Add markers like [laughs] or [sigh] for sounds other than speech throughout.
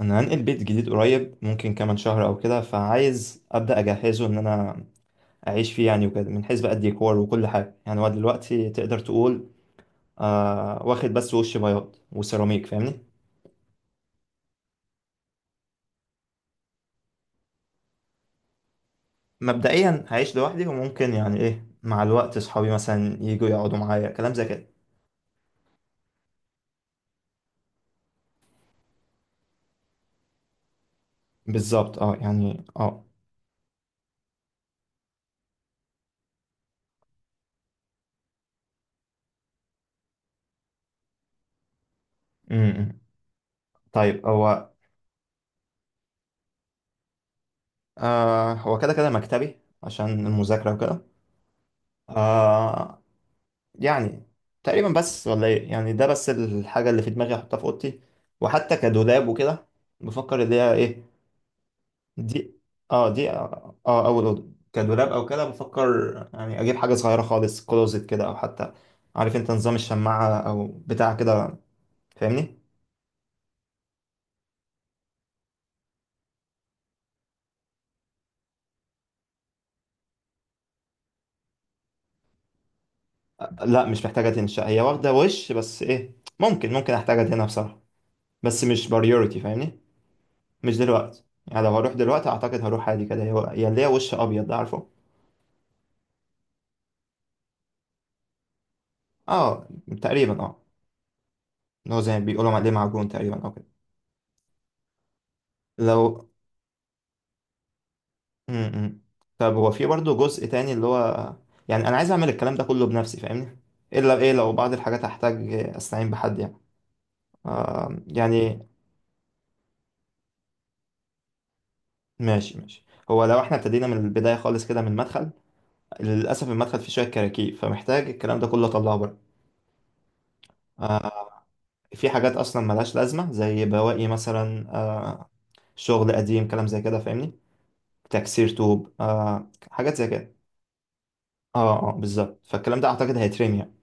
انا هنقل بيت جديد قريب، ممكن كمان شهر او كده. فعايز ابدا اجهزه ان انا اعيش فيه يعني وكده، من حيث بقى الديكور وكل حاجه. يعني هو دلوقتي تقدر تقول واخد بس وش بياض وسيراميك، فاهمني؟ مبدئيا هعيش لوحدي، وممكن يعني ايه مع الوقت صحابي مثلا يجوا يقعدوا معايا، كلام زي كده. بالظبط، اه، يعني اه. امم. طيب هو، هو كده كده مكتبي عشان المذاكره وكده. آه، يعني تقريبا بس، ولا ايه؟ يعني ده بس الحاجة اللي في دماغي احطها في اوضتي، وحتى كدولاب وكده بفكر اللي هي ايه. دي اه، دي، اول اوضة كدولاب او كده بفكر يعني اجيب حاجة صغيرة خالص، كلوزت كده، او حتى عارف انت نظام الشماعة او بتاع كده، فاهمني؟ لا مش محتاجة تنشأ، هي واخدة وش بس. ايه، ممكن ممكن احتاجها هنا بصراحة، بس مش بريورتي، فاهمني؟ مش دلوقتي يعني. لو هروح دلوقتي اعتقد هروح عادي كده، هي اللي هي وش ابيض ده، عارفه؟ اه، تقريبا، اه. اللي هو زي ما بيقولوا عليه معجون تقريبا او كده. لو، امم، طب هو في برضه جزء تاني، اللي هو يعني انا عايز اعمل الكلام ده كله بنفسي، فاهمني؟ الا ايه، لو بعض الحاجات هحتاج استعين بحد يعني، يعني. ماشي ماشي. هو لو احنا ابتدينا من البداية خالص كده، من المدخل. للأسف المدخل فيه شوية كراكيب، فمحتاج الكلام ده كله أطلعه بره. آه في حاجات أصلا ملهاش لازمة، زي بواقي مثلا، شغل قديم، كلام زي كده، فاهمني؟ تكسير طوب، حاجات زي كده. اه اه، بالظبط، فالكلام ده أعتقد هيترمي يعني.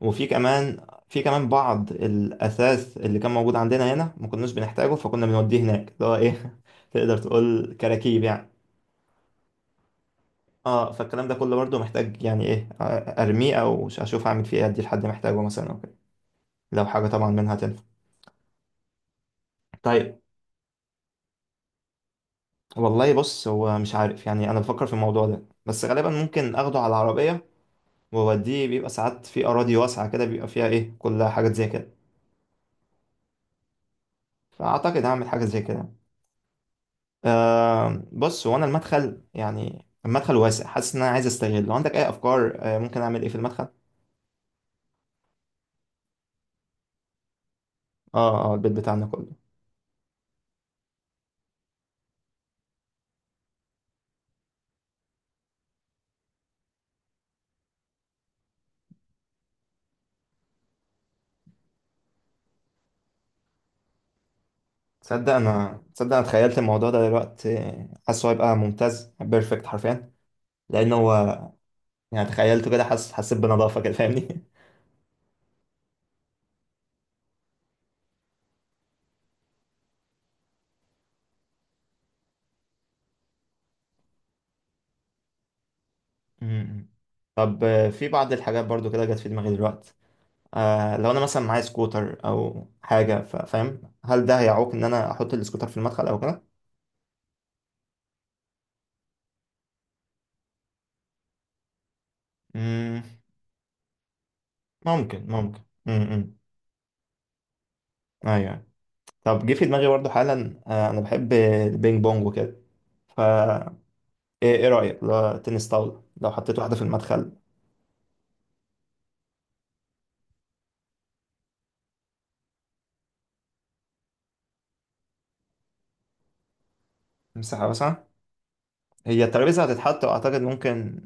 وفي كمان بعض الأثاث اللي كان موجود عندنا هنا، ما كناش بنحتاجه، فكنا بنوديه هناك. اللي هو، إيه، [laughs] تقدر تقول كراكيب يعني. اه، فالكلام ده كله برضه محتاج، يعني ايه، ارميه او اشوف اعمل فيه ايه، ادي لحد محتاجه مثلا او كده، لو حاجه طبعا منها تنفع. طيب، والله بص، هو مش عارف يعني، انا بفكر في الموضوع ده. بس غالبا ممكن اخده على العربيه واوديه. بيبقى ساعات في اراضي واسعه كده بيبقى فيها ايه، كلها حاجات زي كده، فاعتقد هعمل حاجه زي كده. بص هو انا المدخل، يعني المدخل واسع، حاسس ان انا عايز استغل. لو عندك اي افكار، ممكن اعمل ايه في المدخل؟ اه اه، البيت بتاعنا كله. تصدق انا تخيلت الموضوع ده دلوقتي، حاسه هيبقى ممتاز، بيرفكت حرفيا، لان هو يعني تخيلته كده. حسيت بنظافه كده، فاهمني؟ [laughs] امم. طب، في بعض الحاجات برضو كده جت في دماغي دلوقتي. لو انا مثلا معايا سكوتر او حاجه، فاهم؟ هل ده هيعوق ان انا احط السكوتر في المدخل او كده؟ امم، ممكن. امم، أمم. ايوه. طب جه في دماغي برضه حالا، انا بحب البينج بونج وكده، فا إيه رايك لو تنس طاوله، لو حطيت واحده في المدخل؟ مساحه واسعه. هي الترابيزه هتتحط، واعتقد ممكن،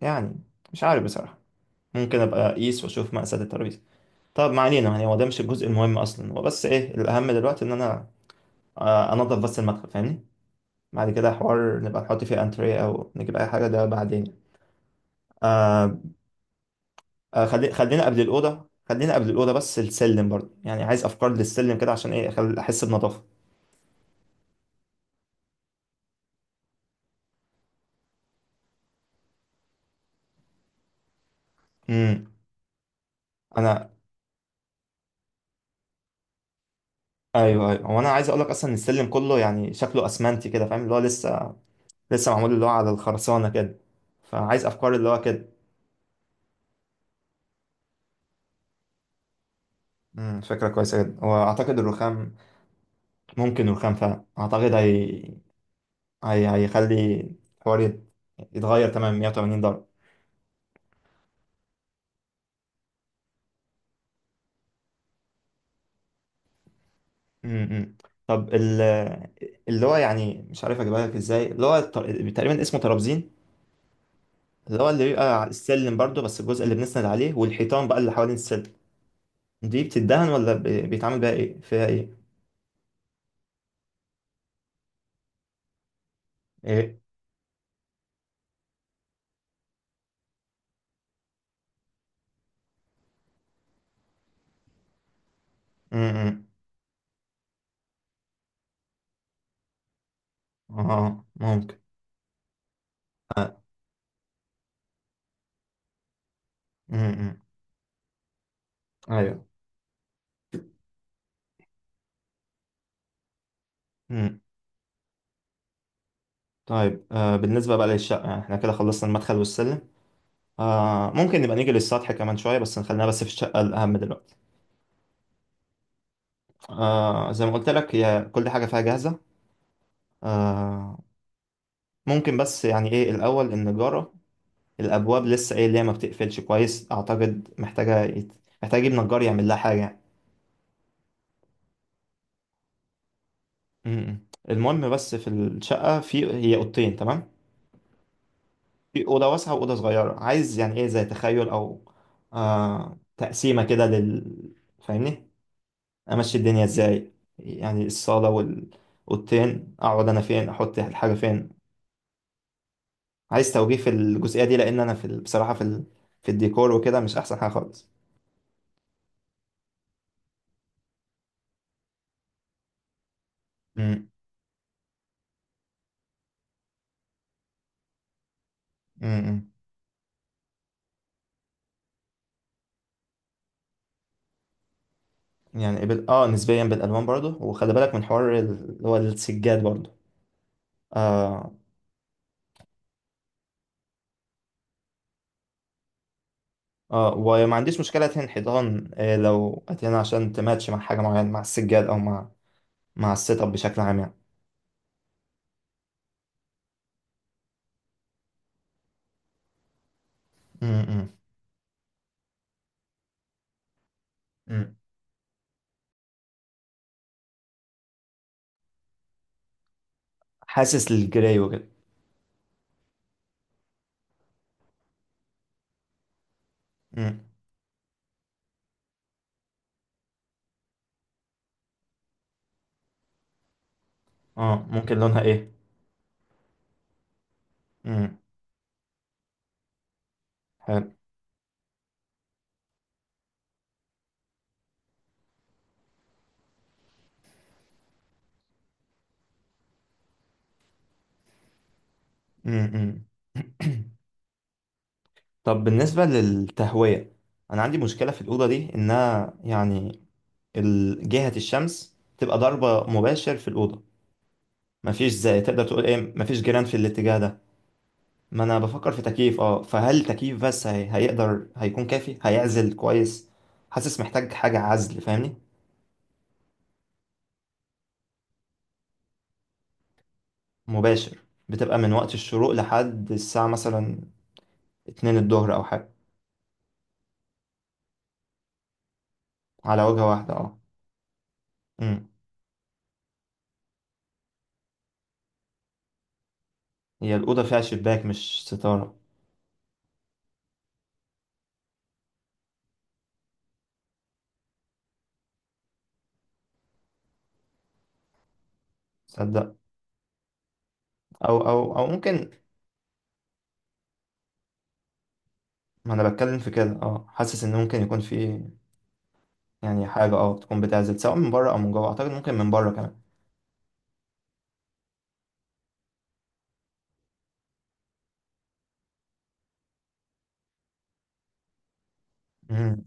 يعني مش عارف بصراحه. ممكن ابقى اقيس واشوف مقاسات الترابيزه. طب ما علينا، يعني هو ده مش الجزء المهم اصلا. هو بس ايه، الاهم دلوقتي ان انا انضف بس المدخل، فاهمني؟ بعد كده حوار نبقى نحط فيه انتريه او نجيب اي حاجه، ده بعدين. آه. خلينا قبل الأوضة، بس السلم برضه يعني، عايز أفكار للسلم كده عشان إيه، أحس بنظافة. امم. أنا، أيوه أيوه، وأنا عايز أقول لك أصلا إن السلم كله يعني شكله أسمنتي كده، فاهم؟ اللي هو لسه معمول اللي هو على الخرسانة كده، فعايز أفكار اللي هو كده. فكرة كويسة جدا، وأعتقد الرخام، ممكن الرخام فعلا أعتقد هيخلي الحوار يتغير تمام 180 درجة. امم طب اللي هو يعني مش عارف اجيبها لك ازاي. اللي هو تقريبا اسمه ترابزين، اللي هو اللي بيبقى على السلم برضو، بس الجزء اللي بنسند عليه. والحيطان بقى اللي حوالين السلم دي، بتدهن ولا بيتعمل بيها ايه، فيها ايه؟ ايه؟ امم، إمم. اه، ممكن. امم، إمم. ايوه. امم. طيب، بالنسبة بقى للشقة، احنا كده خلصنا المدخل والسلم. ممكن نبقى نيجي للسطح كمان شوية، بس نخلينا بس في الشقة الأهم دلوقتي. زي ما قلت لك هي كل حاجة فيها جاهزة. آه. ممكن بس يعني ايه، الأول النجارة، الابواب لسه ايه، اللي هي ما بتقفلش كويس، اعتقد محتاجه محتاج يجيب نجار يعمل لها حاجه يعني. م-م. المهم بس في الشقه، في هي اوضتين، تمام؟ في اوضه واسعه واوضه صغيره، عايز يعني ايه، زي تخيل او تقسيمه كده لل، فاهمني؟ امشي الدنيا ازاي يعني، الصاله والاوضتين، اقعد انا فين، احط الحاجه فين. عايز توجيه في الجزئيه دي، لان انا في بصراحه في في الديكور وكده مش احسن حاجه خالص. م-م. يعني اه نسبيا بالالوان برضه، وخلي بالك من حوار اللي هو السجاد برضه. اه اه، وما عنديش مشكله ادهن حيطان، لو ادهنها عشان تماتش مع حاجه معينه، مع السجاد او مع مع السيت اب بشكل عام يعني. م- م- م. حاسس للجراي وكده. م. اه، ممكن لونها ايه؟ م. حلو. م- م. طب بالنسبه للتهويه، انا عندي مشكله في الاوضه دي، انها يعني جهه الشمس تبقى ضربه مباشر في الاوضه. مفيش زي تقدر تقول ايه، مفيش جيران في الاتجاه ده. ما انا بفكر في تكييف، اه، فهل تكييف بس هيقدر هيكون كافي، هيعزل كويس؟ حاسس محتاج حاجة عزل، فاهمني؟ مباشر. بتبقى من وقت الشروق لحد الساعة مثلا اتنين الظهر او حاجة. على وجهة واحدة، اه. امم. هي الأوضة فيها شباك مش ستارة. تصدق، او ممكن. ما انا بتكلم في كده، حاسس ان ممكن يكون في يعني حاجة، تكون بتعزل سواء من بره او من جوه. اعتقد ممكن من بره كمان. مم.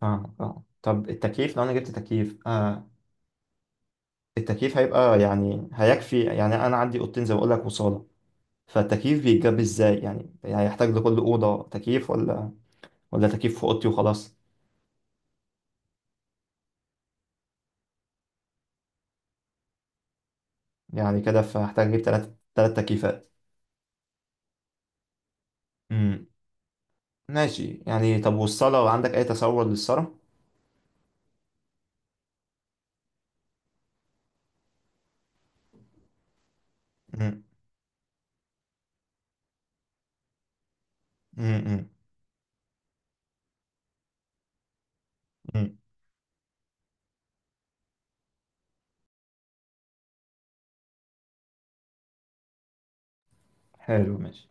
فاهمك، اه. طب التكييف لو انا جبت تكييف، التكييف هيبقى يعني هيكفي؟ يعني انا عندي اوضتين زي ما بقول لك، وصاله. فالتكييف بيتجاب ازاي يعني هيحتاج لكل اوضه تكييف، ولا ولا تكييف في اوضتي وخلاص؟ يعني كده فهحتاج اجيب ثلاث تكييفات. امم. ماشي يعني. طب والصاله، عندك اي تصور للصاله؟ امم. امم. امم. حلو ماشي.